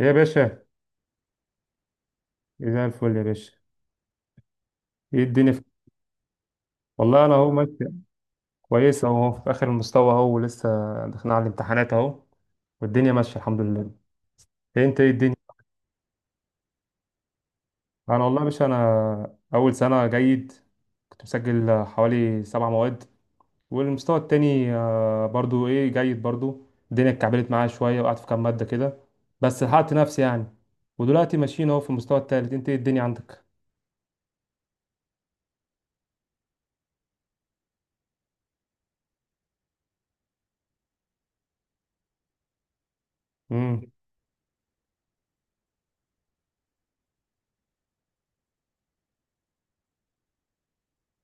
يا باشا. إيه زي الفل يا باشا. ايه الدنيا في... والله انا اهو ماشي. كويس اهو في اخر المستوى اهو، ولسه داخلين على الامتحانات اهو، والدنيا ماشيه الحمد لله. إيه انت، ايه الدنيا؟ انا والله يا باشا، انا اول سنه جيد. كنت مسجل حوالي 7 مواد. والمستوى التاني برضو ايه، جيد برضو. الدنيا اتكعبلت معايا شويه وقعدت في كام ماده كده، بس لحقت نفسي يعني. ودلوقتي ماشيين اهو في المستوى التالت. انت ايه الدنيا عندك؟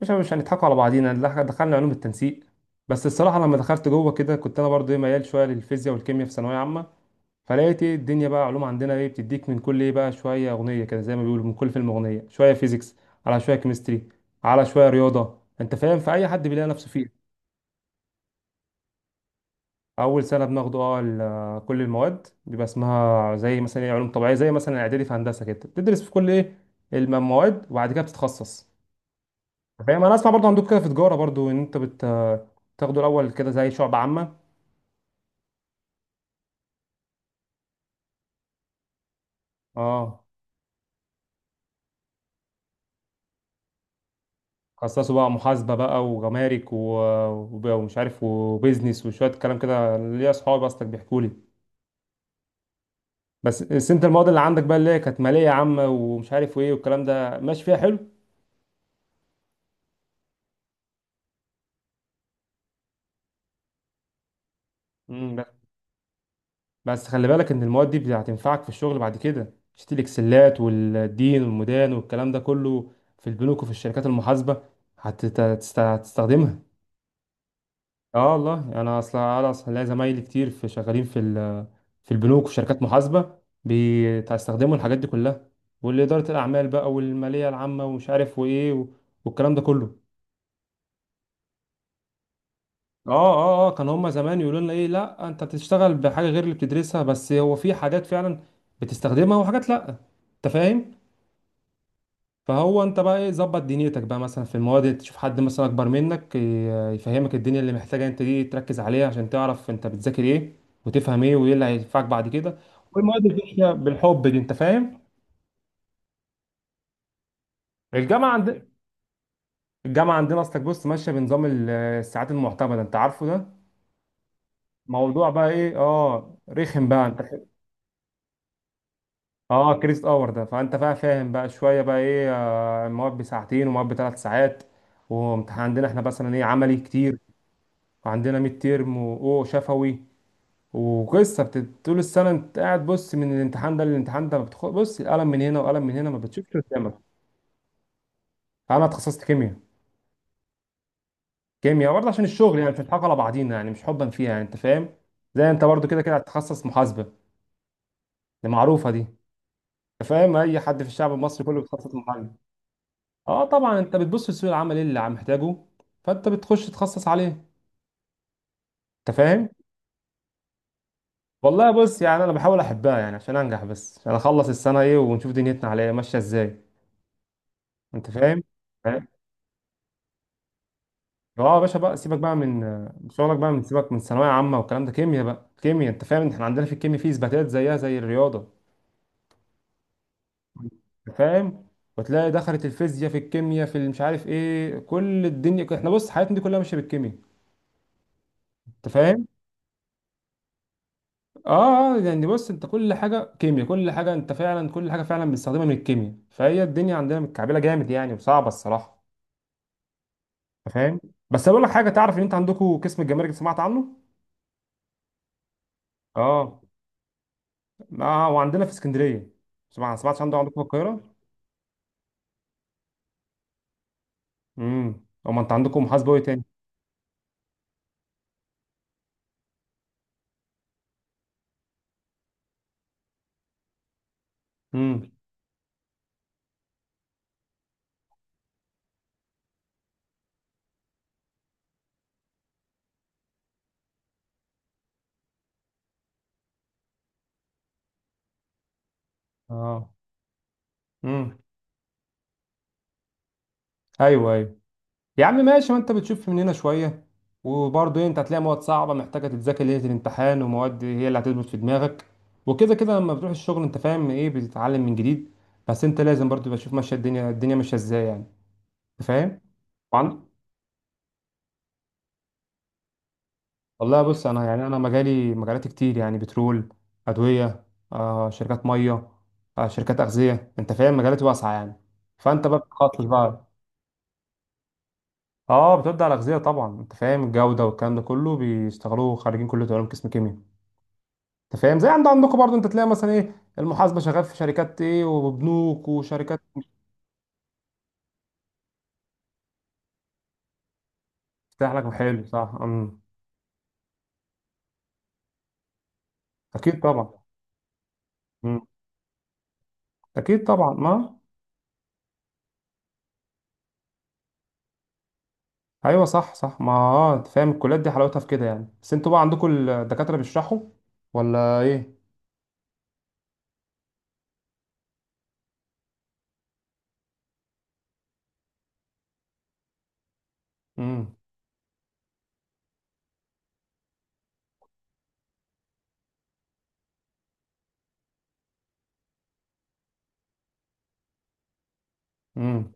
مش هنضحكوا على بعضينا. دخلنا علوم التنسيق. بس الصراحه لما دخلت جوه كده كنت انا برضو ايه، ميال شويه للفيزياء والكيمياء في ثانويه عامه. فلقيت ايه الدنيا بقى، علوم عندنا ايه، بتديك من كل ايه بقى شويه اغنيه كده، زي ما بيقولوا من كل فيلم اغنيه، شويه فيزيكس على شويه كيمستري على شويه رياضه، انت فاهم؟ فاي حد بيلاقي نفسه فيه. اول سنه بناخده، اه، كل المواد بيبقى اسمها زي مثلا ايه علوم طبيعيه، زي مثلا اعدادي في هندسه كده بتدرس في كل ايه المواد، وبعد كده بتتخصص. فاهم؟ انا اسمع برضو عندكم كده في تجاره برضو، ان انت تاخدوا الاول كده زي شعب عامه. اه، خصصوا بقى محاسبه بقى وجمارك و... ومش عارف، وبيزنس، وشويه كلام كده ليا اصحابي اصلك بيحكوا لي. بس انت المواد اللي عندك بقى، اللي هي كانت ماليه عامه ومش عارف وايه والكلام ده، ماشي فيها حلو؟ مم، بس، بس خلي بالك ان المواد دي هتنفعك في الشغل بعد كده. شت الاكسلات والدين والمدان والكلام ده كله في البنوك وفي الشركات المحاسبه هتستخدمها. اه والله، انا اصلا ليا زمايلي كتير، في شغالين في في البنوك وفي شركات محاسبه، بيستخدموا الحاجات دي كلها. والاداره الاعمال بقى، والماليه العامه، ومش عارف وايه و- والكلام ده كله. اه اه اه، كان هما زمان يقولوا لنا ايه، لا انت بتشتغل بحاجه غير اللي بتدرسها، بس هو في حاجات فعلا بتستخدمها وحاجات لا، انت فاهم. فهو انت بقى ايه، ظبط دنيتك بقى مثلا في المواد. تشوف حد مثلا اكبر منك يفهمك الدنيا اللي محتاجه انت دي، تركز عليها عشان تعرف انت بتذاكر ايه، وتفهم ايه، وايه اللي هينفعك بعد كده. والمواد اللي بتمشي بالحب دي، انت فاهم. الجامعه عندنا الجامعه عندنا اصلك بص ماشيه بنظام الساعات المعتمده، انت عارفه ده. موضوع بقى ايه، اه، رخم بقى انت. اه كريست اور ده، فانت بقى فاهم بقى شويه بقى ايه، المواد بساعتين ومواد ب3 ساعات. وامتحان عندنا احنا مثلا ايه عملي كتير. وعندنا ميد تيرم واو شفوي. وقصه طول السنه انت قاعد. بص، من الامتحان ده للامتحان ده ما بتخ... بص القلم من هنا وقلم من هنا، ما بتشوفش قدامك. انا اتخصصت كيمياء. كيمياء برضه عشان الشغل يعني، مش هنضحك على بعضينا يعني، مش حبا فيها يعني، انت فاهم. زي انت برضه، كده كده هتتخصص محاسبه. دي معروفه دي، انت فاهم، اي حد في الشعب المصري كله بيتخصص محاسبه. اه طبعا، انت بتبص لسوق العمل، ايه اللي عم محتاجه، فانت بتخش تتخصص عليه، انت فاهم. والله بص، يعني انا بحاول احبها يعني عشان انجح، بس عشان اخلص السنه ايه، ونشوف دنيتنا عليها ماشيه ازاي، انت فاهم. فاهم؟ اه يا باشا، بقى سيبك بقى من شغلك بقى. من، سيبك من ثانويه عامه والكلام ده. كيمياء بقى كيمياء. انت فاهم، احنا عندنا في الكيمياء في اثباتات زيها زي الرياضه، انت فاهم. وتلاقي دخلت الفيزياء في الكيمياء في مش عارف ايه، كل الدنيا، احنا بص حياتنا دي كلها ماشيه بالكيمياء، انت فاهم. اه اه، يعني بص، انت كل حاجه كيمياء، كل حاجه انت فعلا، كل حاجه فعلا بنستخدمها من الكيمياء. فهي الدنيا عندنا متكعبله جامد يعني، وصعبه الصراحه، انت فاهم. بس اقول لك حاجه، تعرف ان انت عندكم قسم الجمارك، سمعت عنه؟ اه. لا، وعندنا في اسكندريه. سمعت عنده عندكم في القاهره؟ امم، امال انت عندكم محاسبه ايه تاني؟ امم. اه، امم. ايوه، ايوه، يا عم ماشي، ما انت بتشوف من هنا شويه. وبرضه انت هتلاقي مواد صعبه محتاجه تتذاكر ليله الامتحان، ومواد هي اللي هتثبت في دماغك. وكده كده لما بتروح الشغل انت فاهم ايه، بتتعلم من جديد. بس انت لازم برضه تبقى تشوف ماشيه الدنيا الدنيا ماشيه ازاي يعني، أنت فاهم. وعن- والله بص، انا يعني، انا مجالي مجالات كتير، يعني بترول، ادويه، آه، شركات ميه، آه، شركات اغذيه، انت فاهم. مجالات واسعه يعني، فانت بقى بتخصص بقى. اه، بتبدا على الاغذيه طبعا. انت فاهم، الجوده والكلام ده كله بيشتغلوه خريجين كليه علوم قسم كيمياء. انت فاهم زي عندكم برضو، انت تلاقي مثلا ايه المحاسبه شغال في شركات ايه، وبنوك وشركات. تفتح لك محل، صح، امم. اكيد طبعا، امم، اكيد طبعا ما. ايوه، صح صح، ما اه، انت فاهم الكليات دي حلاوتها في كده يعني. بس انتوا بقى عندكم الدكاتره بيشرحوا ولا ايه؟ امم، امم.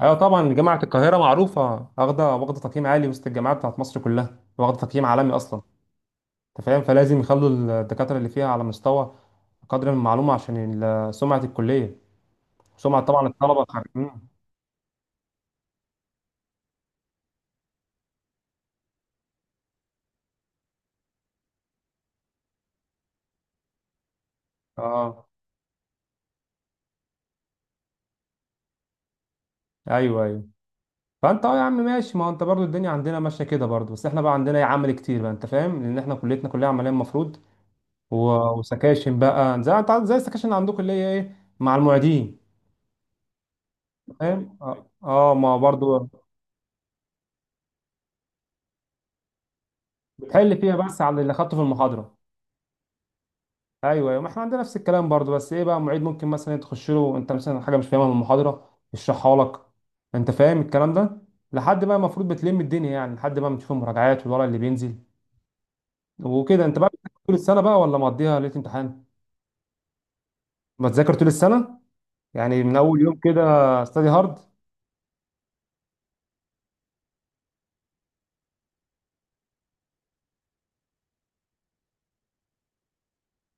ايوه طبعا، جامعه القاهره معروفه. واخده تقييم عالي وسط الجامعات بتاعت مصر كلها، واخده تقييم عالمي اصلا، انت فاهم. فلازم يخلوا الدكاتره اللي فيها على مستوى، قدر من المعلومه عشان سمعه الكليه، سمعه طبعا الطلبه مم. اه، ايوه، ايوه. فانت، اه يا عم ماشي، ما هو انت برضو الدنيا عندنا ماشيه كده برضو، بس احنا بقى عندنا عمل كتير بقى، انت فاهم، لان احنا كليتنا كلها عمليه المفروض. و- وسكاشن بقى، زي انت عارف، زي السكاشن اللي عندكم اللي هي ايه، مع المعيدين، فاهم. اه، ما برضو بتحل فيها بس على اللي خدته في المحاضره. ايوه، أيوة، ما احنا عندنا نفس الكلام برضو، بس ايه بقى معيد ممكن مثلا تخش له انت مثلا حاجه مش فاهمها من المحاضره يشرحها لك، انت فاهم الكلام ده. لحد بقى المفروض بتلم الدنيا يعني، لحد بقى ما تشوف المراجعات والورق اللي بينزل وكده. انت بقى بتذاكر طول السنه بقى ولا مقضيها ليله امتحان؟ ما تذاكر طول السنه، يعني من اول يوم كده. استادي هارد.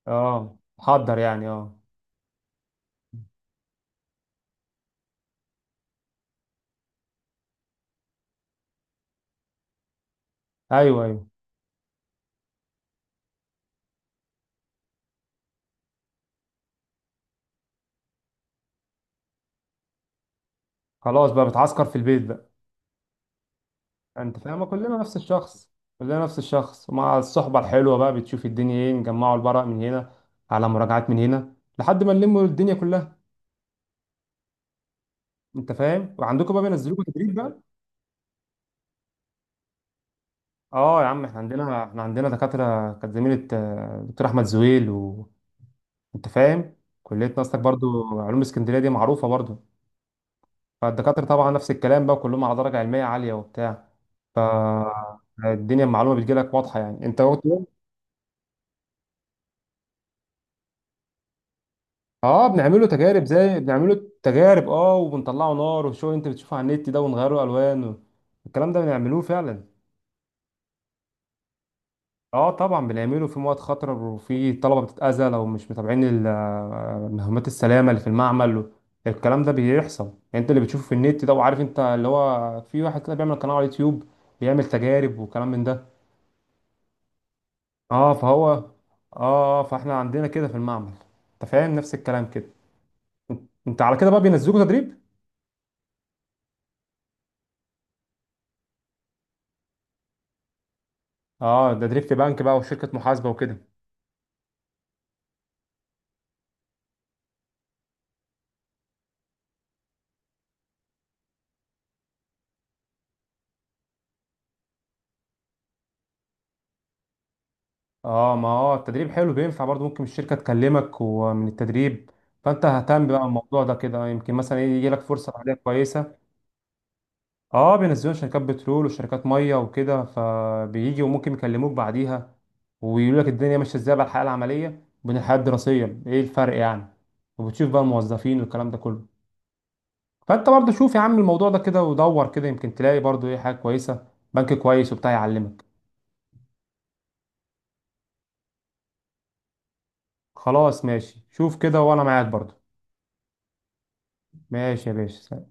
اه، حضر يعني، اه. ايوه، ايوه. خلاص بقى بتعسكر في البيت بقى. انت فاهمه، كلنا نفس الشخص. كلنا نفس الشخص. ومع الصحبه الحلوه بقى بتشوف الدنيا، ايه نجمعوا الورق من هنا، على مراجعات من هنا، لحد ما نلموا الدنيا كلها، انت فاهم. وعندكم بقى بينزلوكم تدريب بقى؟ اه يا عم، احنا عندنا دكاتره كانت زميله دكتور احمد زويل، وانت فاهم. كليه ناستك برضو، علوم اسكندريه دي معروفه برضو. فالدكاتره طبعا نفس الكلام بقى، كلهم على درجه علميه عاليه وبتاع. فالدنيا المعلومه بتجيلك واضحه يعني، انت. اه، بنعمله تجارب، زي بنعمله تجارب، اه، وبنطلعه نار، والشغل اللي انت بتشوفه على النت ده، ونغيره الوان و... الكلام ده بنعملوه فعلا. اه طبعا، بنعمله في مواد خطره، وفي طلبه بتتاذى لو مش متابعين مهمات السلامه اللي في المعمل. الكلام ده بيحصل يعني. انت اللي بتشوفه في النت ده، وعارف انت اللي هو في واحد كده بيعمل قناه على اليوتيوب، بيعمل تجارب وكلام من ده. اه فهو، اه، فاحنا عندنا كده في المعمل، انت فاهم نفس الكلام كده. انت على كده بقى بينزلوك تدريب. اه، تدريب في بنك بقى، وشركة محاسبة وكده. اه، ما هو التدريب حلو بينفع برضو، ممكن الشركة تكلمك ومن التدريب. فانت اهتم بقى الموضوع ده كده، يمكن مثلا إيه يجي لك فرصة عملية كويسة. اه، بينزلوا شركات بترول، وشركات مية وكده، فبيجي وممكن يكلموك بعديها، ويقول لك الدنيا ماشية ازاي بقى، الحياة العملية بين الحياة الدراسية ايه الفرق يعني. وبتشوف بقى الموظفين والكلام ده كله. فانت برضو شوف يا عم الموضوع ده كده، ودور كده، يمكن تلاقي برضو ايه حاجة كويسة، بنك كويس وبتاع يعلمك. خلاص ماشي، شوف كده، وانا معاك برضو. ماشي يا باشا.